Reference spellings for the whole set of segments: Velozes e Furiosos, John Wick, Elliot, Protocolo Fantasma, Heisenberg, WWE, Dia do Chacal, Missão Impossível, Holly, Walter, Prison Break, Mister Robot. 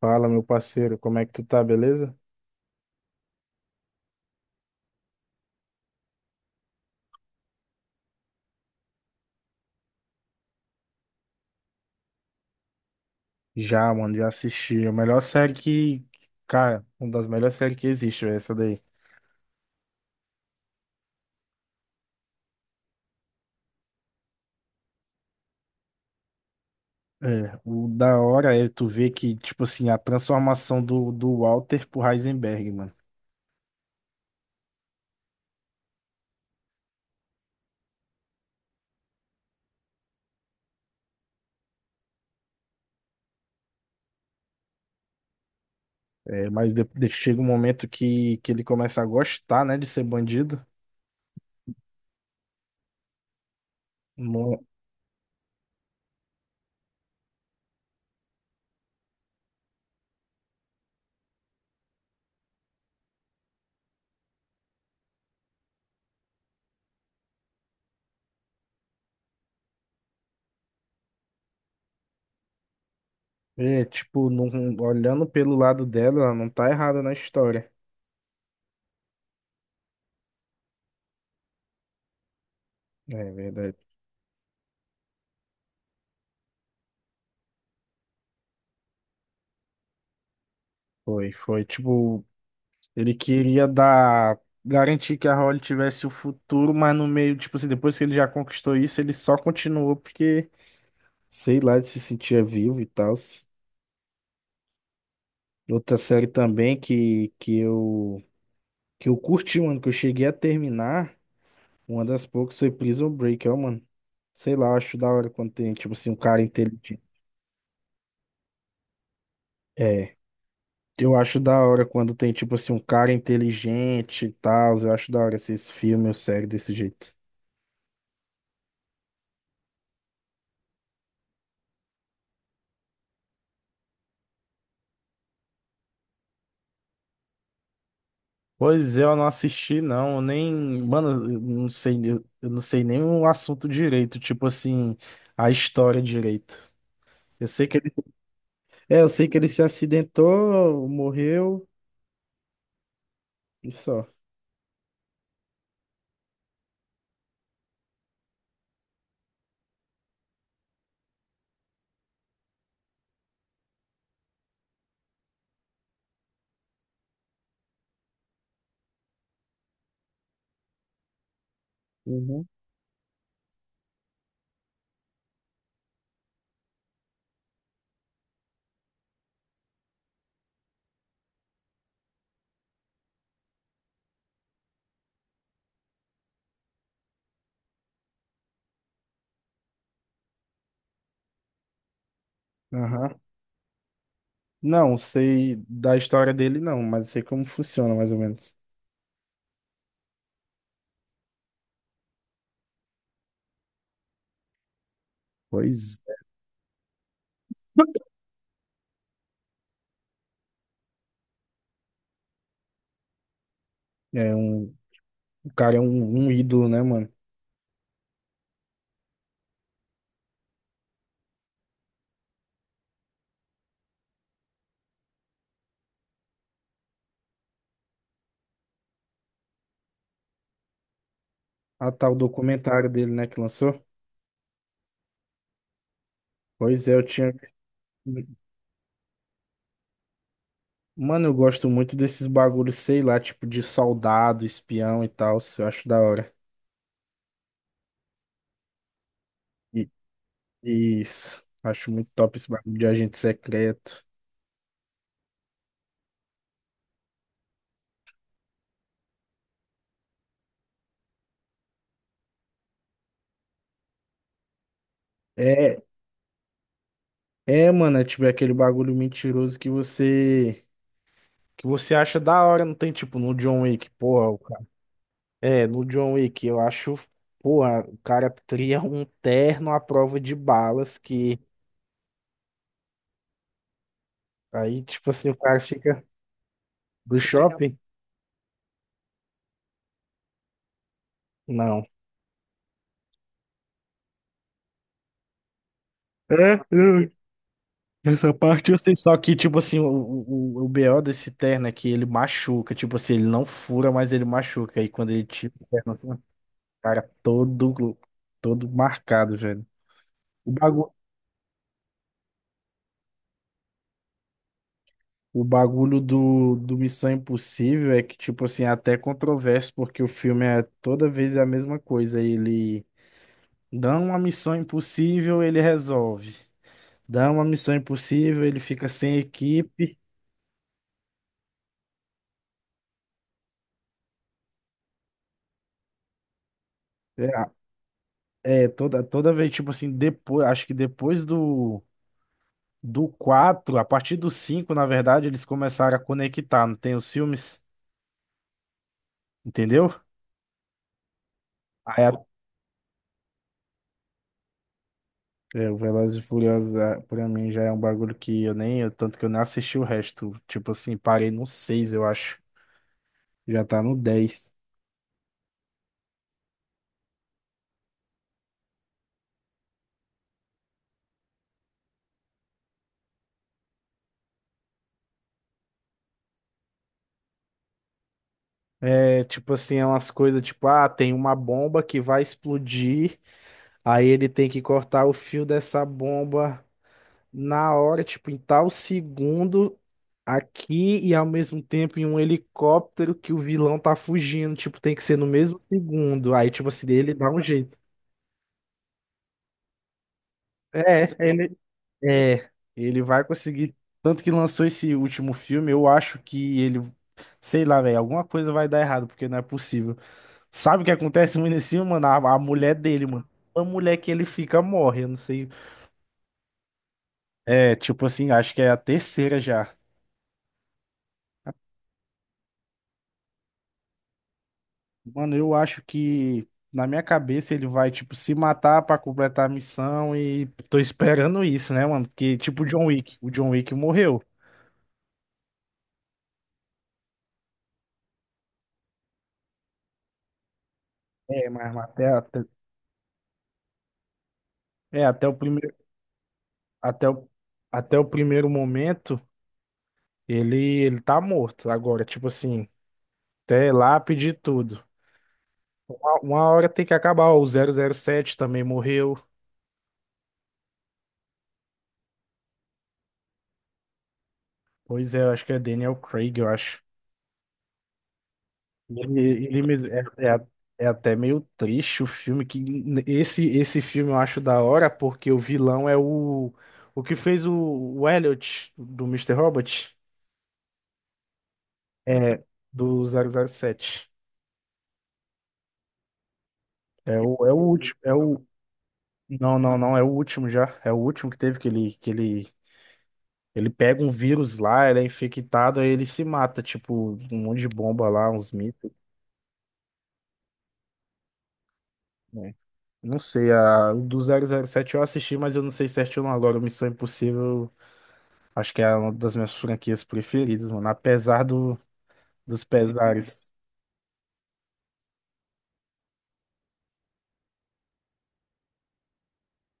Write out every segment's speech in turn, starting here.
Fala, meu parceiro, como é que tu tá, beleza? Já, mano, já assisti. A melhor série que. Cara, uma das melhores séries que existe, é essa daí. É, o da hora é tu ver que, tipo assim, a transformação do Walter pro Heisenberg, mano. É, mas chega um momento que ele começa a gostar, né, de ser bandido. Mo- É, tipo, olhando pelo lado dela, ela não tá errada na história. É verdade. Foi, foi. Tipo, ele queria dar, garantir que a Holly tivesse o futuro, mas no meio, tipo assim, depois que ele já conquistou isso, ele só continuou porque, sei lá, ele se sentia vivo e tal. Outra série também que eu curti, mano, que eu cheguei a terminar, uma das poucas foi Prison Break, ó, mano. Sei lá, eu acho da hora quando tem, tipo assim, um cara inteligente. É, eu acho da hora quando tem, tipo assim, um cara inteligente e tal. Eu acho da hora esses filmes ou séries desse jeito. Pois é, eu não assisti, não. Eu nem. Mano, eu não sei nem o assunto direito, tipo assim, a história direito. Eu sei que ele. É, eu sei que ele se acidentou, morreu e só. Uhum. Aham. Não, sei da história dele, não, mas eu sei como funciona, mais ou menos. Pois é, o cara é um ídolo, né, mano? Ah, tá, o documentário dele, né, que lançou? Pois é, eu tinha. Mano, eu gosto muito desses bagulhos, sei lá, tipo de soldado, espião e tal. Isso. Eu acho da hora. E- Isso. Acho muito top esse bagulho de agente secreto. É, é, mano, é tipo é aquele bagulho mentiroso que você acha da hora, não tem tipo no John Wick, porra, o cara. É, no John Wick eu acho, porra, o cara cria um terno à prova de balas que, aí, tipo assim, o cara fica. Do shopping? Não. É? Essa parte eu sei, só que, tipo assim, o BO desse terno é que ele machuca. Tipo assim, ele não fura, mas ele machuca. E quando ele tira o terno, assim, o cara é todo marcado, velho. O bagu- o bagulho do Missão Impossível é que, tipo assim, é até controverso, porque o filme é toda vez é a mesma coisa. Ele dá uma missão impossível, ele resolve. Dá uma missão impossível, ele fica sem equipe. É, é, toda vez, tipo assim, depois, acho que depois do quatro, a partir do cinco, na verdade, eles começaram a conectar, não tem os filmes, entendeu? Aí a- É, o Velozes e Furiosos, ah, pra mim, já é um bagulho que eu nem, eu- tanto que eu nem assisti o resto, tipo assim, parei no seis, eu acho, já tá no 10. É, tipo assim, é umas coisas, tipo, ah, tem uma bomba que vai explodir, aí ele tem que cortar o fio dessa bomba na hora, tipo, em tal segundo aqui, e ao mesmo tempo em um helicóptero que o vilão tá fugindo, tipo, tem que ser no mesmo segundo. Aí, tipo assim, ele dá um jeito. É, ele é, ele vai conseguir. Tanto que lançou esse último filme, eu acho que ele, sei lá, velho, alguma coisa vai dar errado, porque não é possível. Sabe o que acontece muito nesse filme, mano? A mulher dele, mano. A mulher que ele fica morre, eu não sei. É, tipo assim, acho que é a terceira já. Mano, eu acho que, na minha cabeça, ele vai, tipo, se matar pra completar a missão, e tô esperando isso, né, mano? Porque, tipo, o John Wick. O John Wick morreu. É, mas até, até, é, até o primeiro, até o, até o primeiro momento, ele, ele tá morto agora, tipo assim, até lápide e tudo. Uma hora tem que acabar. Ó, o 007 também morreu. Pois é, eu acho que é Daniel Craig, eu acho. Ele mesmo, é até meio triste o filme. Esse filme eu acho da hora, porque o vilão é o que fez o Elliot do Mister Robot, é, do 007. É o último. Não, não, não, é o último que teve, ele pega um vírus lá, ele é infectado, aí ele se mata, tipo, um monte de bomba lá, uns mitos, né? Não sei, o do 007 eu assisti, mas eu não sei certinho agora, o Missão Impossível... Acho que é uma das minhas franquias preferidas, mano. Apesar dos pesares.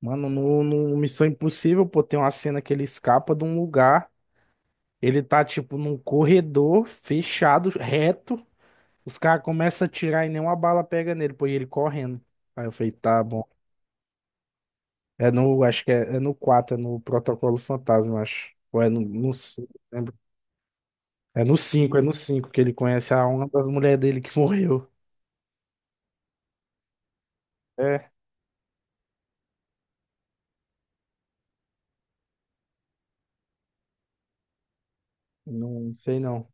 Mano, no Missão Impossível, pô, tem uma cena que ele escapa de um lugar. Ele tá, tipo, num corredor fechado, reto. Os caras começam a atirar e nenhuma bala pega nele, pô, e ele correndo. Aí eu falei, tá bom. É no, acho que é no quatro, é no Protocolo Fantasma, eu acho. Ou é no 5, lembro. É no cinco que ele conhece a uma das mulheres dele que morreu. É, não sei não.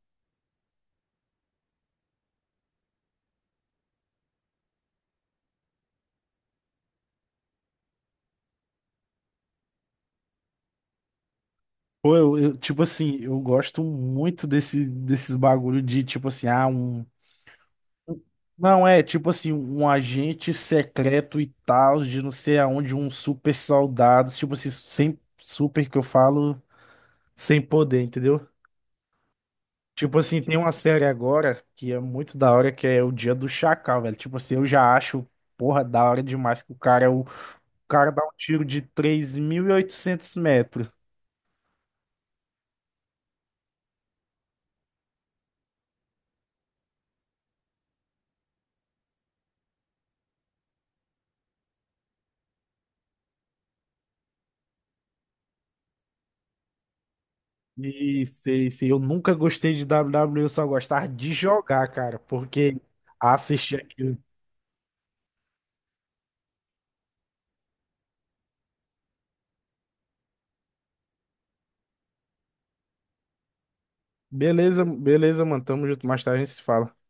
Pô, tipo assim, eu gosto muito desses bagulho de, tipo assim, ah, um. Não, é, tipo assim, um agente secreto e tal, de não sei aonde, um super soldado, tipo assim, sem super, que eu falo, sem poder, entendeu? Tipo assim, tem uma série agora que é muito da hora, que é o Dia do Chacal, velho. Tipo assim, eu já acho, porra, da hora demais que o cara dá um tiro de 3.800 metros. Isso, isso. Eu nunca gostei de WWE, eu só gostava de jogar, cara, porque assistir aquilo. Beleza, beleza, mano. Tamo junto. Mais tarde a gente se fala.